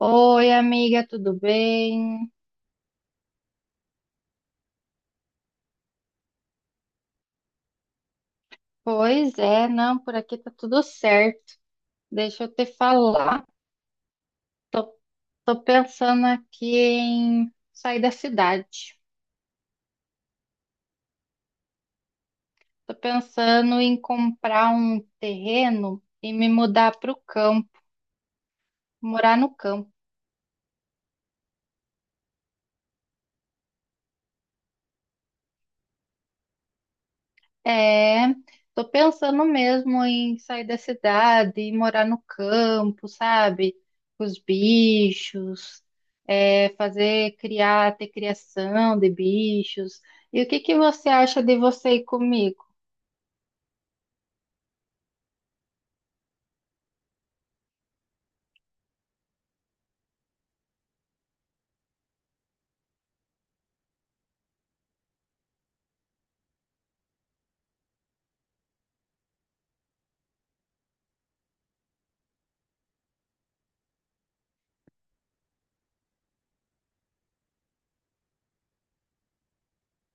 Oi, amiga, tudo bem? Pois é, não, por aqui tá tudo certo. Deixa eu te falar. Tô, tô pensando aqui em sair da cidade. Tô pensando em comprar um terreno e me mudar para o campo, morar no campo. É, tô pensando mesmo em sair da cidade e morar no campo, sabe? Com os bichos, é, fazer, criar, ter criação de bichos. E o que que você acha de você ir comigo?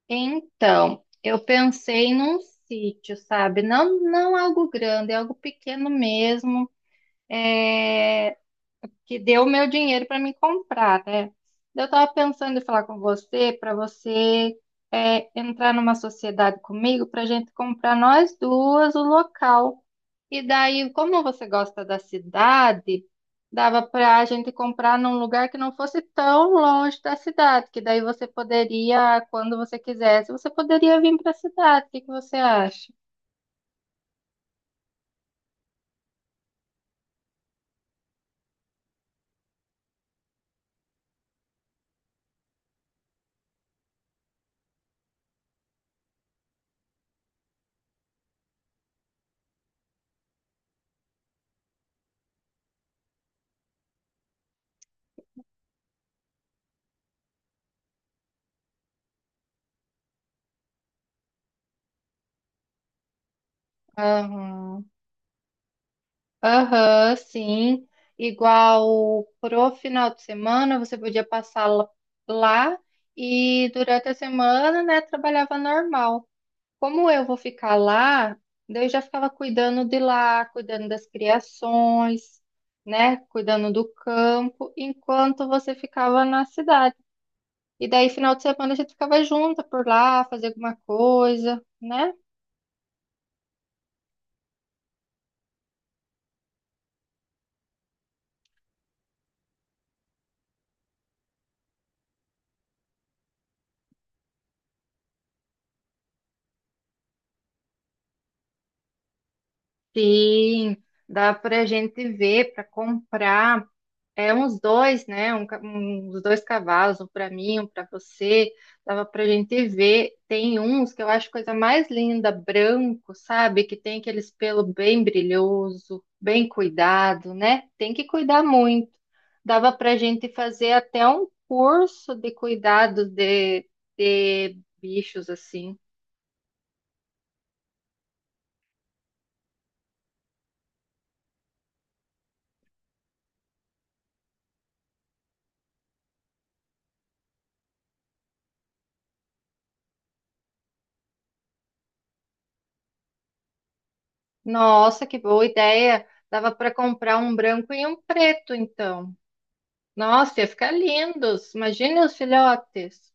Então, eu pensei num sítio, sabe? Não, não algo grande, é algo pequeno mesmo. É, que deu o meu dinheiro para me comprar, né? Eu estava pensando em falar com você para você é, entrar numa sociedade comigo para a gente comprar nós duas o local. E daí, como você gosta da cidade, dava para a gente comprar num lugar que não fosse tão longe da cidade, que daí você poderia, quando você quisesse, você poderia vir para a cidade. O que que você acha? Aham. Aham, sim. Igual pro final de semana, você podia passar lá e durante a semana, né, trabalhava normal. Como eu vou ficar lá, daí eu já ficava cuidando de lá, cuidando das criações, né, cuidando do campo, enquanto você ficava na cidade. E daí, final de semana, a gente ficava junto por lá, fazer alguma coisa, né? Sim, dá pra gente ver, pra comprar. É uns dois, né? Um, uns dois cavalos, um para mim, um para você. Dava para gente ver. Tem uns que eu acho coisa mais linda, branco, sabe? Que tem aqueles pelo bem brilhoso, bem cuidado, né? Tem que cuidar muito. Dava para gente fazer até um curso de cuidado de bichos assim. Nossa, que boa ideia! Dava para comprar um branco e um preto, então. Nossa, ia ficar lindos. Imagine os filhotes.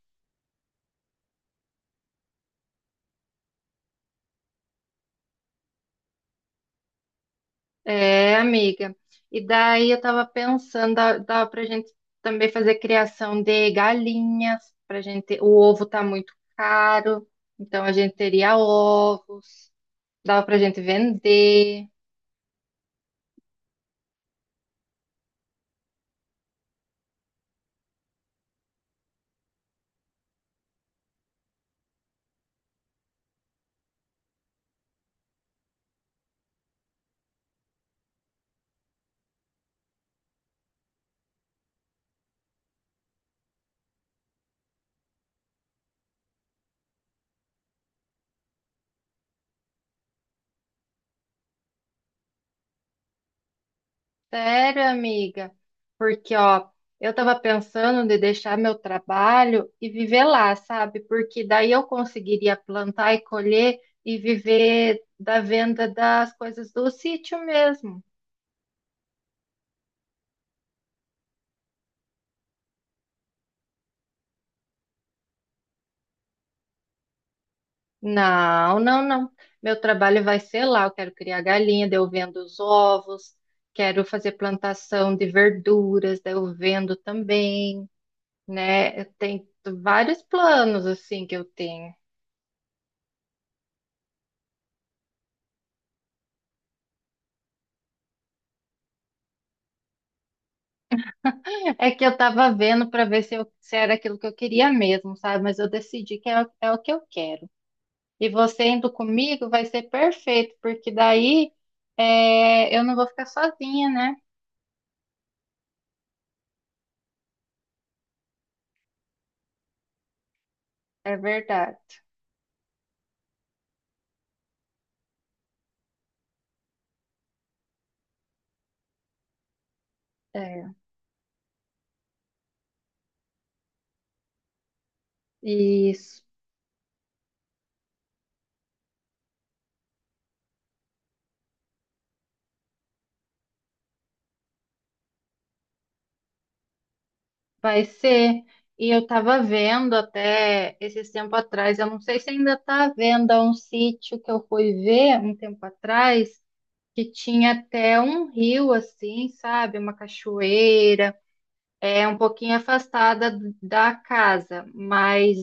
É, amiga. E daí eu tava pensando, dava pra gente também fazer criação de galinhas, pra gente, o ovo tá muito caro, então a gente teria ovos, dava pra gente vender. Sério, amiga? Porque, ó, eu tava pensando de deixar meu trabalho e viver lá, sabe? Porque daí eu conseguiria plantar e colher e viver da venda das coisas do sítio mesmo. Não, não, não. Meu trabalho vai ser lá. Eu quero criar galinha, daí eu vendo os ovos, quero fazer plantação de verduras, daí eu vendo também, né? Eu tenho vários planos assim que eu tenho. É que eu tava vendo para ver se, se era aquilo que eu queria mesmo, sabe? Mas eu decidi que é, é o que eu quero. E você indo comigo vai ser perfeito, porque daí é, eu não vou ficar sozinha, né? É verdade. É. Isso. Vai ser. E eu tava vendo até esses tempo atrás, eu não sei se ainda tá à venda um sítio que eu fui ver um tempo atrás, que tinha até um rio assim, sabe? Uma cachoeira, é um pouquinho afastada da casa, mas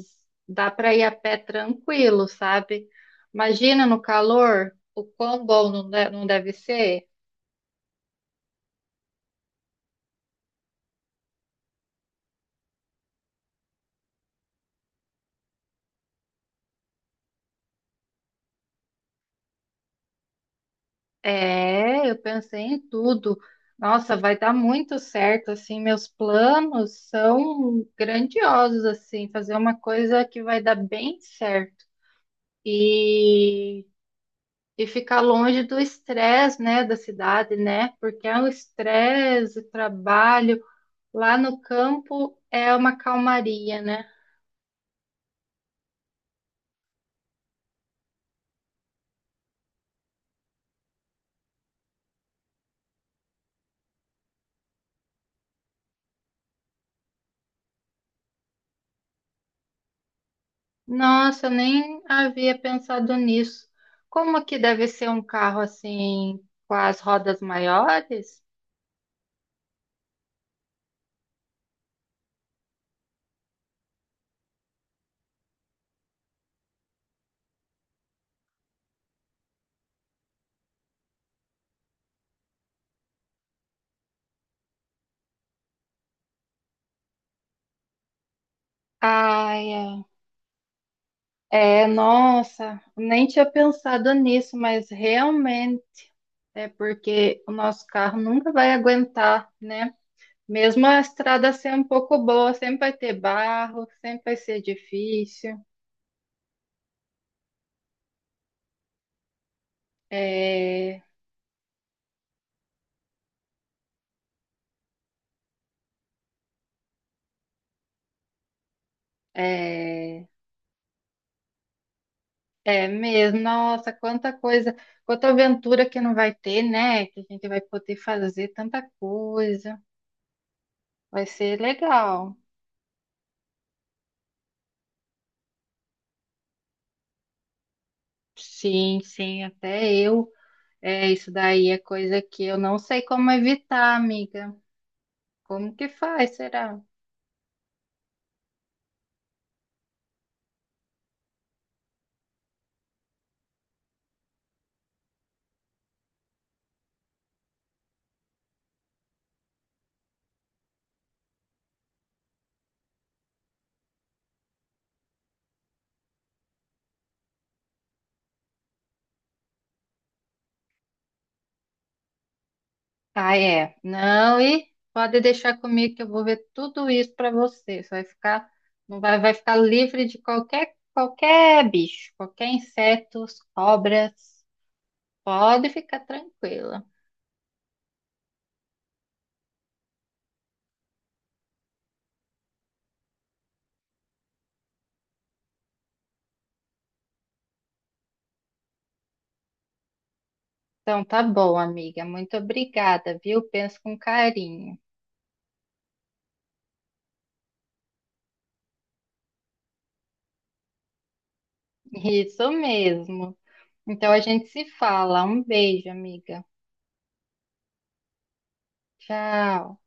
dá para ir a pé tranquilo, sabe? Imagina no calor, o quão bom não não deve ser. É, eu pensei em tudo. Nossa, vai dar muito certo, assim, meus planos são grandiosos, assim, fazer uma coisa que vai dar bem certo. E, e ficar longe do estresse, né, da cidade, né? Porque é o estresse, o trabalho, lá no campo é uma calmaria, né? Nossa, eu nem havia pensado nisso. Como que deve ser um carro assim, com as rodas maiores? Ai, é. É, nossa, nem tinha pensado nisso, mas realmente é porque o nosso carro nunca vai aguentar, né? Mesmo a estrada ser um pouco boa, sempre vai ter barro, sempre vai ser difícil. É, é, é mesmo, nossa, quanta coisa, quanta aventura que não vai ter, né? Que a gente vai poder fazer tanta coisa. Vai ser legal. Sim, sim, até eu. É, isso daí é coisa que eu não sei como evitar, amiga. Como que faz, será? Ah, é. Não, e pode deixar comigo que eu vou ver tudo isso para você. Você vai ficar, não vai, vai ficar livre de qualquer bicho, qualquer insetos, cobras. Pode ficar tranquila. Então tá bom, amiga. Muito obrigada, viu? Penso com carinho. Isso mesmo. Então a gente se fala. Um beijo, amiga. Tchau.